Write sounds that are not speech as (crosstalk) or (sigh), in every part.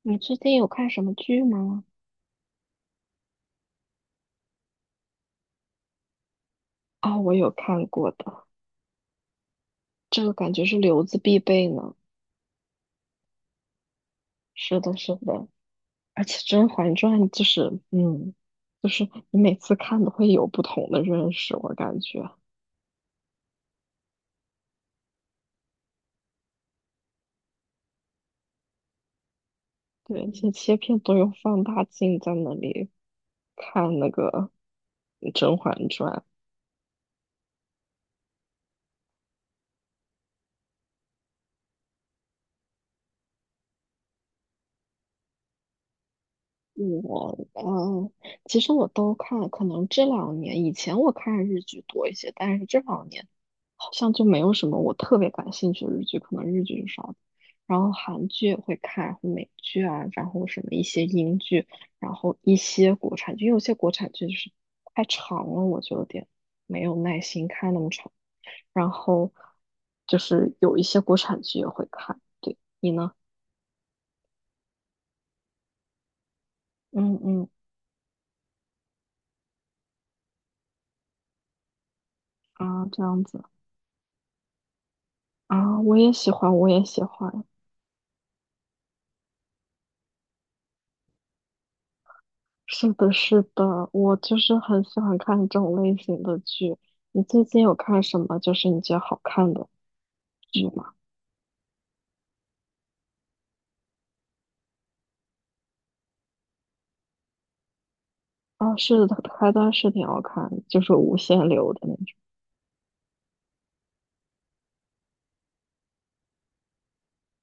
你最近有看什么剧吗？啊、我有看过的，这个感觉是留子必备呢。是的，是的，而且《甄嬛传》就是你每次看都会有不同的认识，我感觉。对，一些切片都用放大镜在那里看那个《甄嬛传》。我嗯，其实我都看，可能这两年以前我看日剧多一些，但是这两年好像就没有什么我特别感兴趣的日剧，可能日剧就少。然后韩剧也会看，然后美剧啊，然后什么一些英剧，然后一些国产剧，因为有些国产剧就是太长了，我就有点没有耐心看那么长。然后就是有一些国产剧也会看，对，你呢？嗯嗯啊，这样子啊，我也喜欢，我也喜欢。是的，是的，我就是很喜欢看这种类型的剧。你最近有看什么就是你觉得好看的剧吗？啊，是的，开端是挺好看的，就是无限流的那种。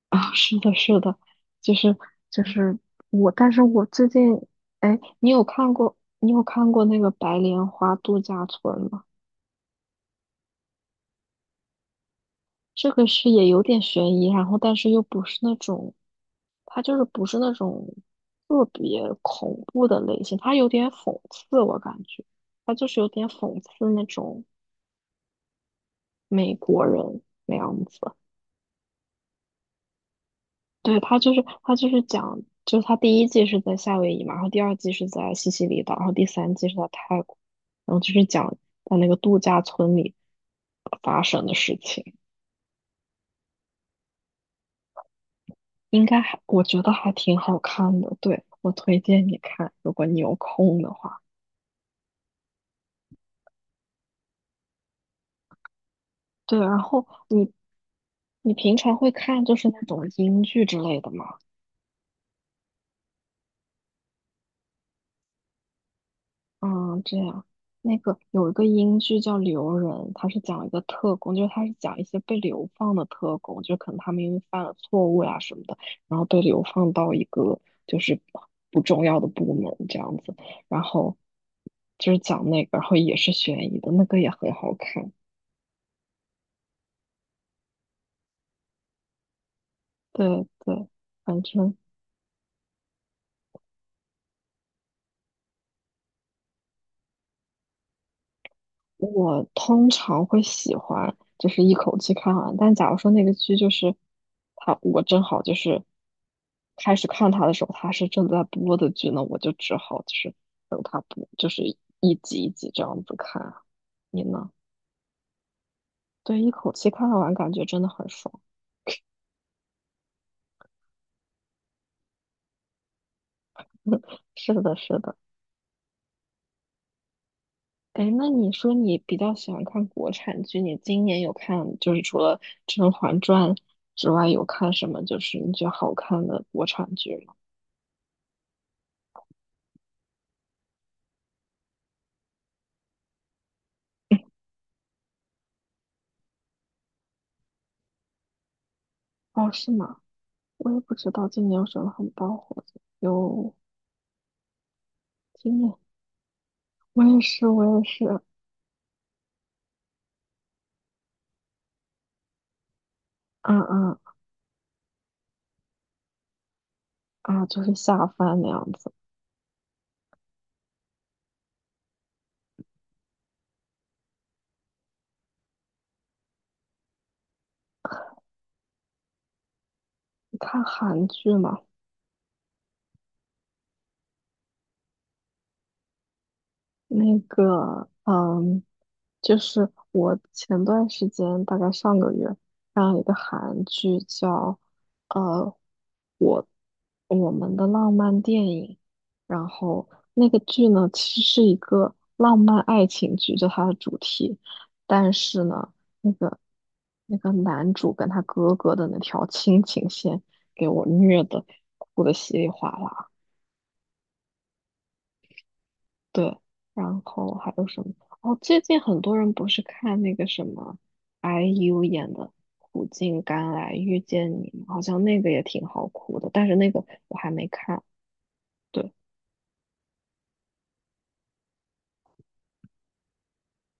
啊，是的，是的，就是就是我，但是我最近，哎，你有看过那个《白莲花度假村》吗？这个是也有点悬疑，然后但是又不是那种它就是不是那种特别恐怖的类型，它有点讽刺，我感觉它就是有点讽刺那种美国人那样子。对，它就是讲，就是它第一季是在夏威夷嘛，然后第二季是在西西里岛，然后第三季是在泰国，然后就是讲在那个度假村里发生的事情，应该还我觉得还挺好看的，对，我推荐你看，如果你有空的话。对，然后你平常会看就是那种英剧之类的吗？嗯，这样，那个有一个英剧叫《留人》，它是讲一个特工，就是它是讲一些被流放的特工，就可能他们因为犯了错误呀、什么的，然后被流放到一个就是不重要的部门这样子，然后就是讲那个，然后也是悬疑的，那个也很好看。对对，反正。我通常会喜欢就是一口气看完，但假如说那个剧就是我正好就是开始看他的时候，他是正在播的剧呢，我就只好就是等他播，就是一集一集这样子看啊。你呢？对，一口气看完感觉真的很爽。是的，是的。哎，那你说你比较喜欢看国产剧，你今年有看就是除了《甄嬛传》之外，有看什么就是你觉得好看的国产剧吗？哦，是吗？我也不知道今年有什么很爆火的。有今年，我也是，我也是，啊啊啊，就是下饭那样子。你看韩剧嘛，那个，嗯，就是我前段时间，大概上个月，看了一个韩剧叫呃，我我们的浪漫电影，然后那个剧呢，其实是一个浪漫爱情剧，就它的主题，但是呢，那个那个男主跟他哥哥的那条亲情线，给我虐的哭的稀里哗啦。对，然后还有什么？哦，最近很多人不是看那个什么 IU 演的《苦尽甘来遇见你》吗，好像那个也挺好哭的，但是那个我还没看。对，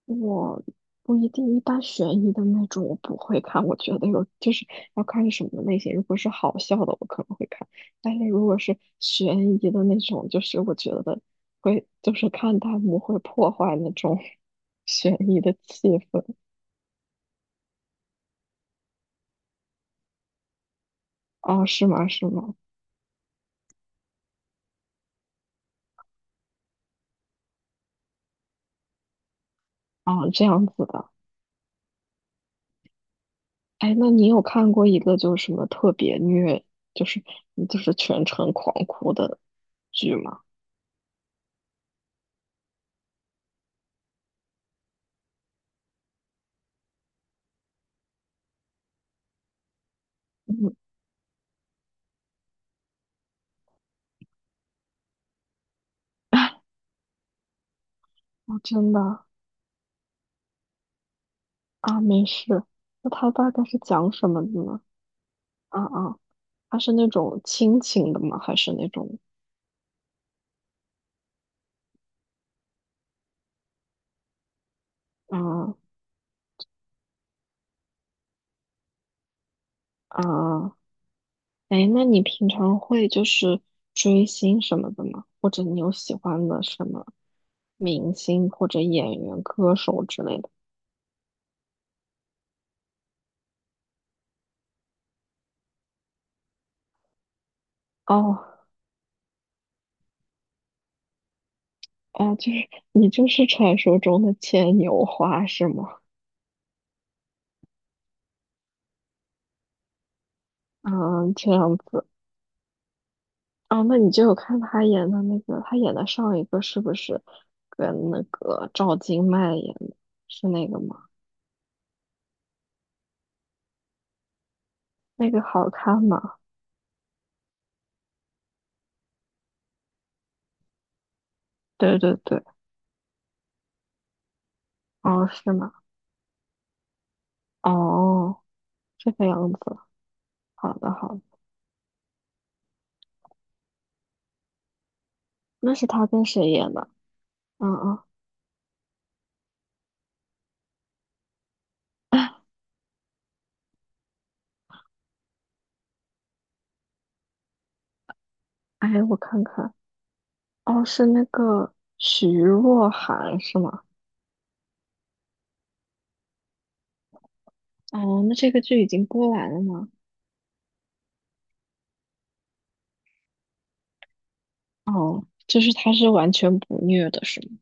我不一定，一般悬疑的那种我不会看，我觉得有就是要看是什么类型。如果是好笑的，我可能会看，但是如果是悬疑的那种，就是我觉得会就是看弹幕会破坏那种 (laughs) 悬疑的气氛。哦，是吗？是吗？哦，这样子的。哎，那你有看过一个就是什么特别虐，就是就是全程狂哭的剧吗？(laughs) 嗯，哦，真的啊，没事。那它大概是讲什么的呢？啊啊，它是那种亲情的吗？还是那种啊啊？哎，那你平常会就是追星什么的吗？或者你有喜欢的什么明星或者演员、歌手之类的？哦，啊，就是你就是传说中的牵牛花是吗？嗯，这样子啊，那你就有看他演的那个，他演的上一个是不是跟那个赵今麦演的？是那个吗？那个好看吗？对对对，哦，是吗？哦，这个样子，好的好的，那是他跟谁演的？嗯嗯，哎，我看看，哦，是那个徐若涵是吗？哦，那这个剧已经播完了吗？哦，就是他是完全不虐的，是吗？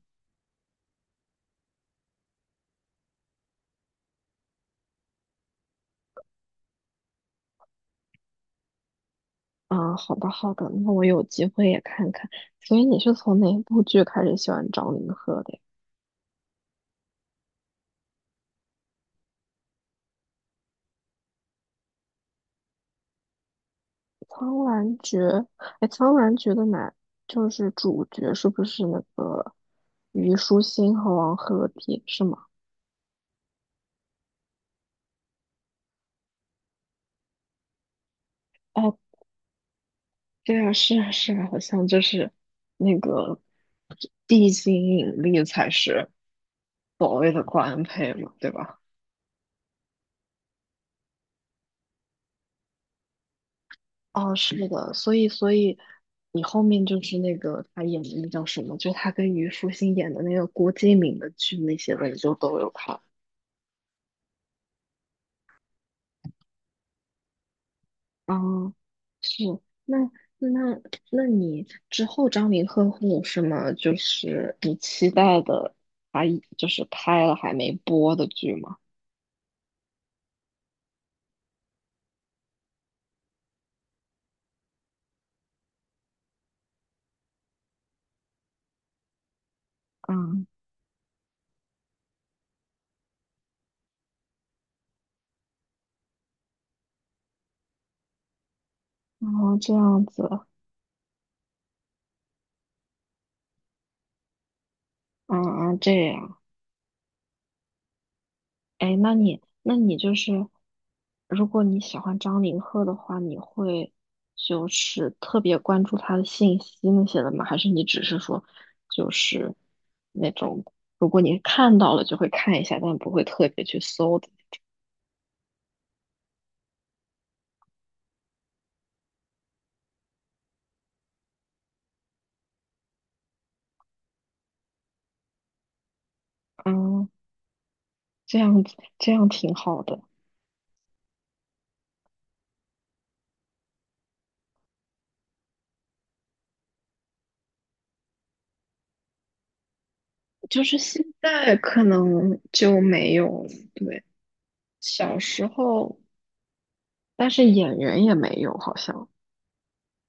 啊，好的好的，那我有机会也看看。所以你是从哪部剧开始喜欢张凌赫的呀？《苍兰诀》哎，《苍兰诀》的男就是主角是不是那个虞书欣和王鹤棣是吗？哦，对啊，是啊是啊，好像就是那个地心引力才是所谓的官配嘛，对吧？哦，是的，所以你后面就是那个他演的那叫什么，就他跟虞书欣演的那个郭敬明的剧那些的，你就都有看。啊，是，那那那你之后张凌赫会有什么就是你期待的，他就是拍了还没播的剧吗？嗯，哦，这样子，嗯嗯，这样。哎，那你就是，如果你喜欢张凌赫的话，你会就是特别关注他的信息那些的吗？还是你只是说，就是那种，如果你看到了就会看一下，但不会特别去搜的？嗯，这样子，这样挺好的。就是现在可能就没有，对，小时候，但是演员也没有，好像。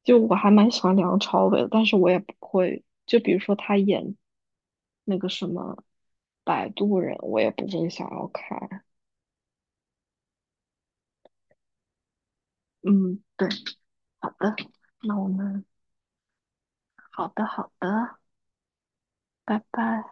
就我还蛮喜欢梁朝伟的，但是我也不会，就比如说他演那个什么《摆渡人》，我也不会想要看。嗯，对，好的，那我们好的好的，拜拜。